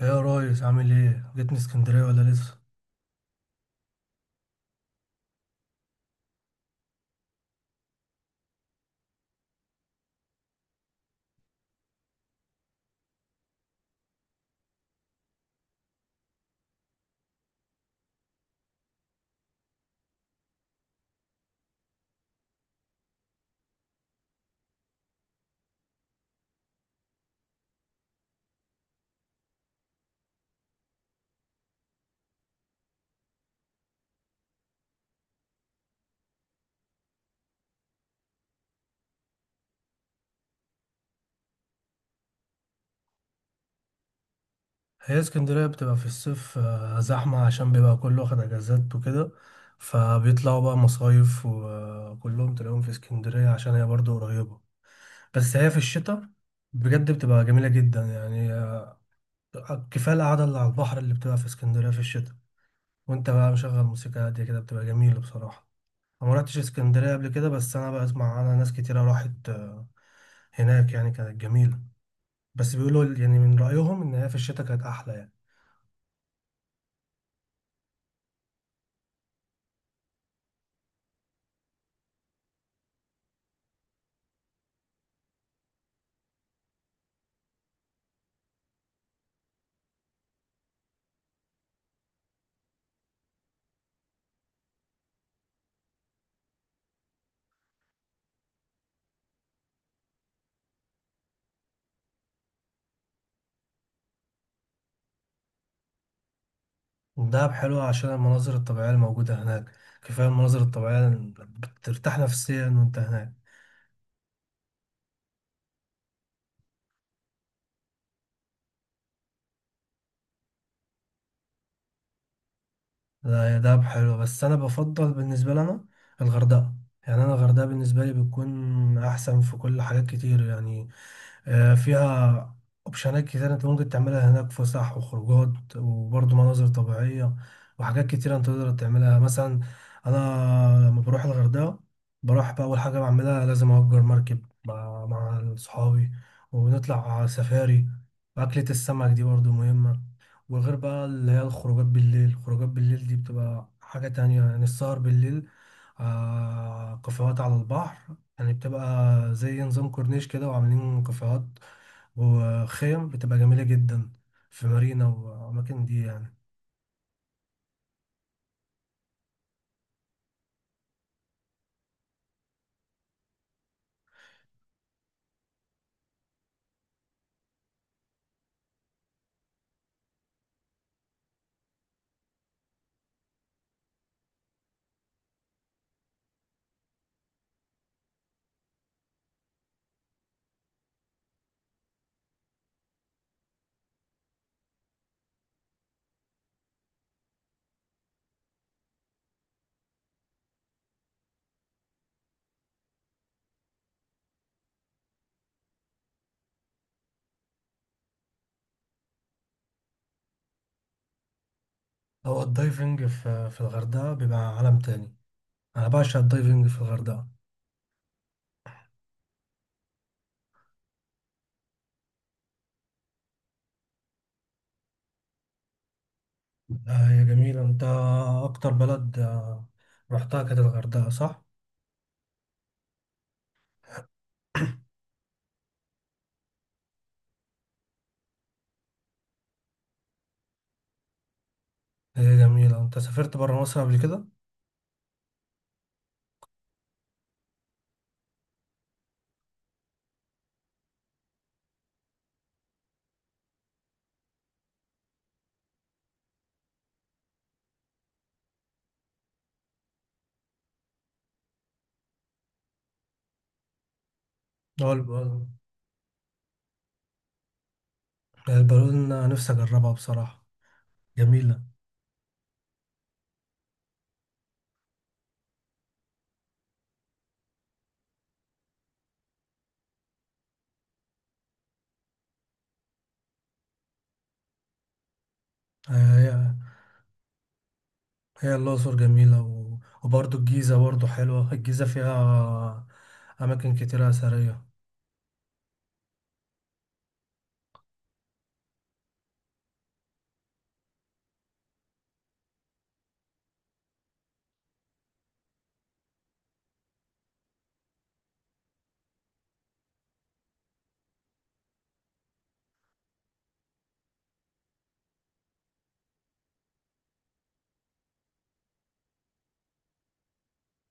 ايه يا ريس، عامل ايه؟ جيتني اسكندريه ولا لسه؟ هي اسكندريه بتبقى في الصيف زحمه عشان بيبقى كله واخد اجازات وكده، فبيطلعوا بقى مصايف وكلهم تلاقيهم في اسكندريه عشان هي برضو قريبه. بس هي في الشتاء بجد بتبقى جميله جدا يعني، كفايه القعده اللي على البحر اللي بتبقى في اسكندريه في الشتاء وانت بقى مشغل موسيقى هاديه كده بتبقى جميله بصراحه. انا ما رحتش اسكندريه قبل كده، بس انا بسمع عنها ناس كتيره راحت هناك يعني، كانت جميله. بس بيقولوا يعني من رأيهم إن هي في الشتاء كانت أحلى يعني. دهب حلوة عشان المناظر الطبيعية الموجودة هناك، كفاية المناظر الطبيعية اللي بترتاح نفسيا وأنت هناك. لا هي دهب حلوة بس أنا بفضل بالنسبة لنا الغردقة. يعني أنا الغردقة بالنسبة لي بتكون أحسن في كل حاجات كتير يعني، فيها اوبشنات كتير انت ممكن تعملها هناك، فسح وخروجات وبرضه مناظر طبيعية وحاجات كتير انت تقدر تعملها. مثلا انا لما بروح الغردقة بروح بقى اول حاجة بعملها لازم اجر مركب مع صحابي ونطلع سفاري، واكلة السمك دي برضه مهمة. وغير بقى اللي هي الخروجات بالليل، الخروجات بالليل دي بتبقى حاجة تانية يعني، السهر بالليل آه كافيهات على البحر، يعني بتبقى زي نظام كورنيش كده وعاملين كافيهات وخيم بتبقى جميلة جدا في مارينا وأماكن دي يعني. أو الدايفنج في الغردقة بيبقى عالم تاني، أنا بعشق الدايفنج في الغردقة. هي جميلة. أنت أكتر بلد رحتها كانت الغردقة، صح؟ هي جميلة. أنت سافرت برا مصر قبل كده؟ اه البالون نفسي أجربها بصراحة، جميلة. آه، هي الأقصر جميلة، و... وبرضه الجيزة برضه حلوة، الجيزة فيها أماكن كتيرة أثرية.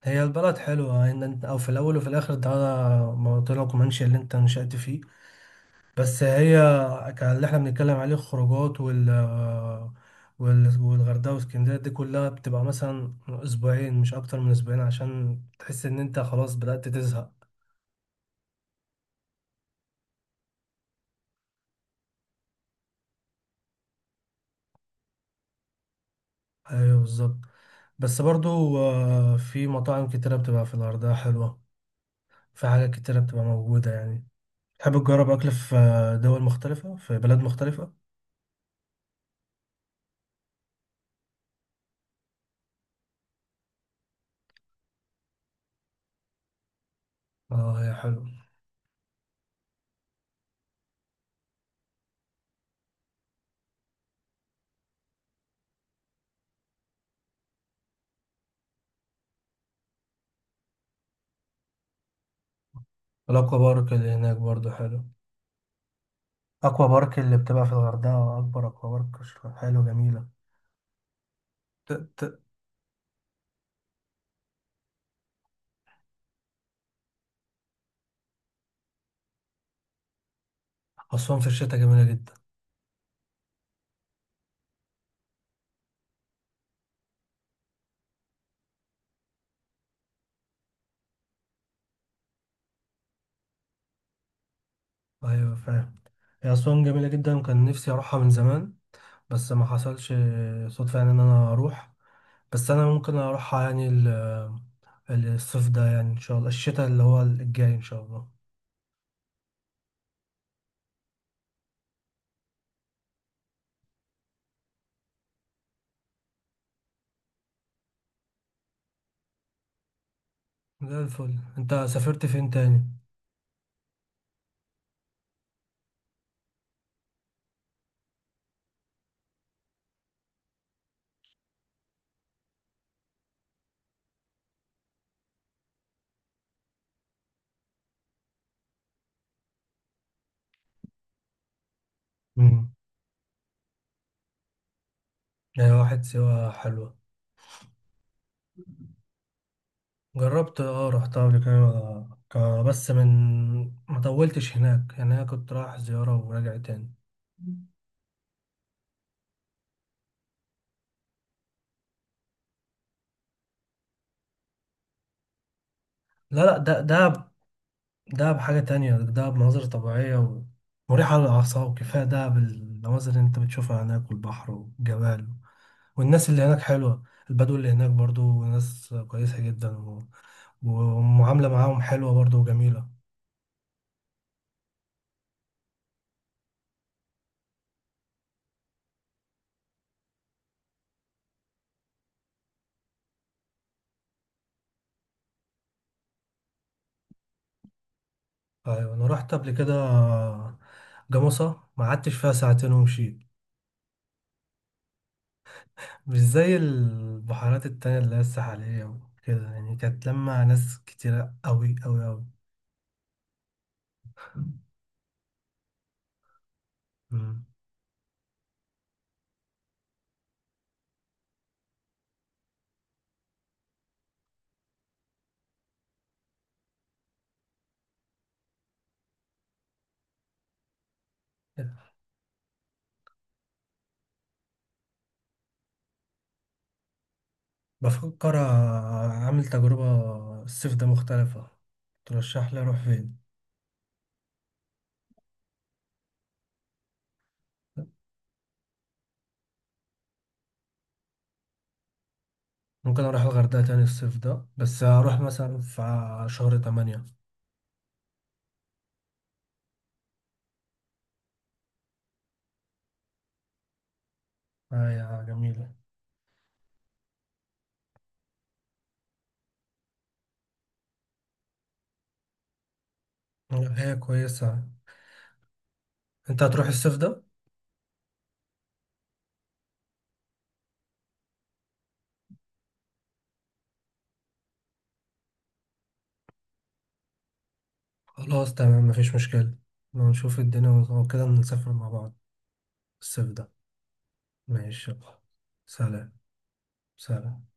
هي البلد حلوة، إن أنت أو في الأول وفي الآخر ده موطنك ومنشأ اللي أنت نشأت فيه. بس هي اللي إحنا بنتكلم عليه الخروجات والغردقة واسكندرية دي كلها بتبقى مثلا أسبوعين، مش أكتر من أسبوعين عشان تحس إن أنت خلاص بدأت تزهق. أيوه بالظبط. بس برضو في مطاعم كتيرة بتبقى في الغردقة حلوة، في حاجات كتيرة بتبقى موجودة يعني. تحب تجرب أكل في دول مختلفة في بلاد مختلفة؟ اه هي حلو. الأكوا بارك اللي هناك برضو حلو، أكوا بارك اللي بتبقى في الغردقة أكبر أكوا بارك، شكلها حلو جميلة. ت- ت- أسوان في الشتاء جميلة جدا. أيوة فاهم. هي أسوان جميلة جدا وكان نفسي أروحها من زمان بس ما حصلش صدفة يعني إن أنا أروح. بس أنا ممكن أروحها يعني الصيف ده، يعني إن شاء الله الشتاء اللي هو الجاي إن شاء الله. زي الفل. أنت سافرت فين تاني؟ مم. يعني واحد سوا حلوة. جربت، اه رحتها قبل كده بس من ما طولتش هناك يعني، انا كنت رايح زيارة وراجع تاني. لا لا ده بحاجة تانية، ده بمناظر طبيعية مريحة للأعصاب، كفاية ده بالمناظر اللي أنت بتشوفها هناك والبحر والجبال، والناس اللي هناك حلوة. البدو اللي هناك برضو ناس كويسة جدا ومعاملة معاهم حلوة برضو وجميلة. ايوه انا رحت قبل كده جمصة، ما قعدتش فيها ساعتين ومشيت. مش زي البحيرات التانية اللي هي الساحلية وكده يعني، كانت لما ناس كتيرة أوي أوي أوي. مم. بفكر أعمل تجربة الصيف ده مختلفة، ترشح لي أروح فين؟ ممكن أروح الغردقة تاني الصيف ده، بس هروح مثلا في شهر 8. آه يا جميلة. هي كويسة. أنت هتروح الصيف ده؟ خلاص تمام، مفيش مشكلة، نشوف الدنيا وكده نسافر مع بعض الصيف ده. ماشي، يلا، سلام. سلام.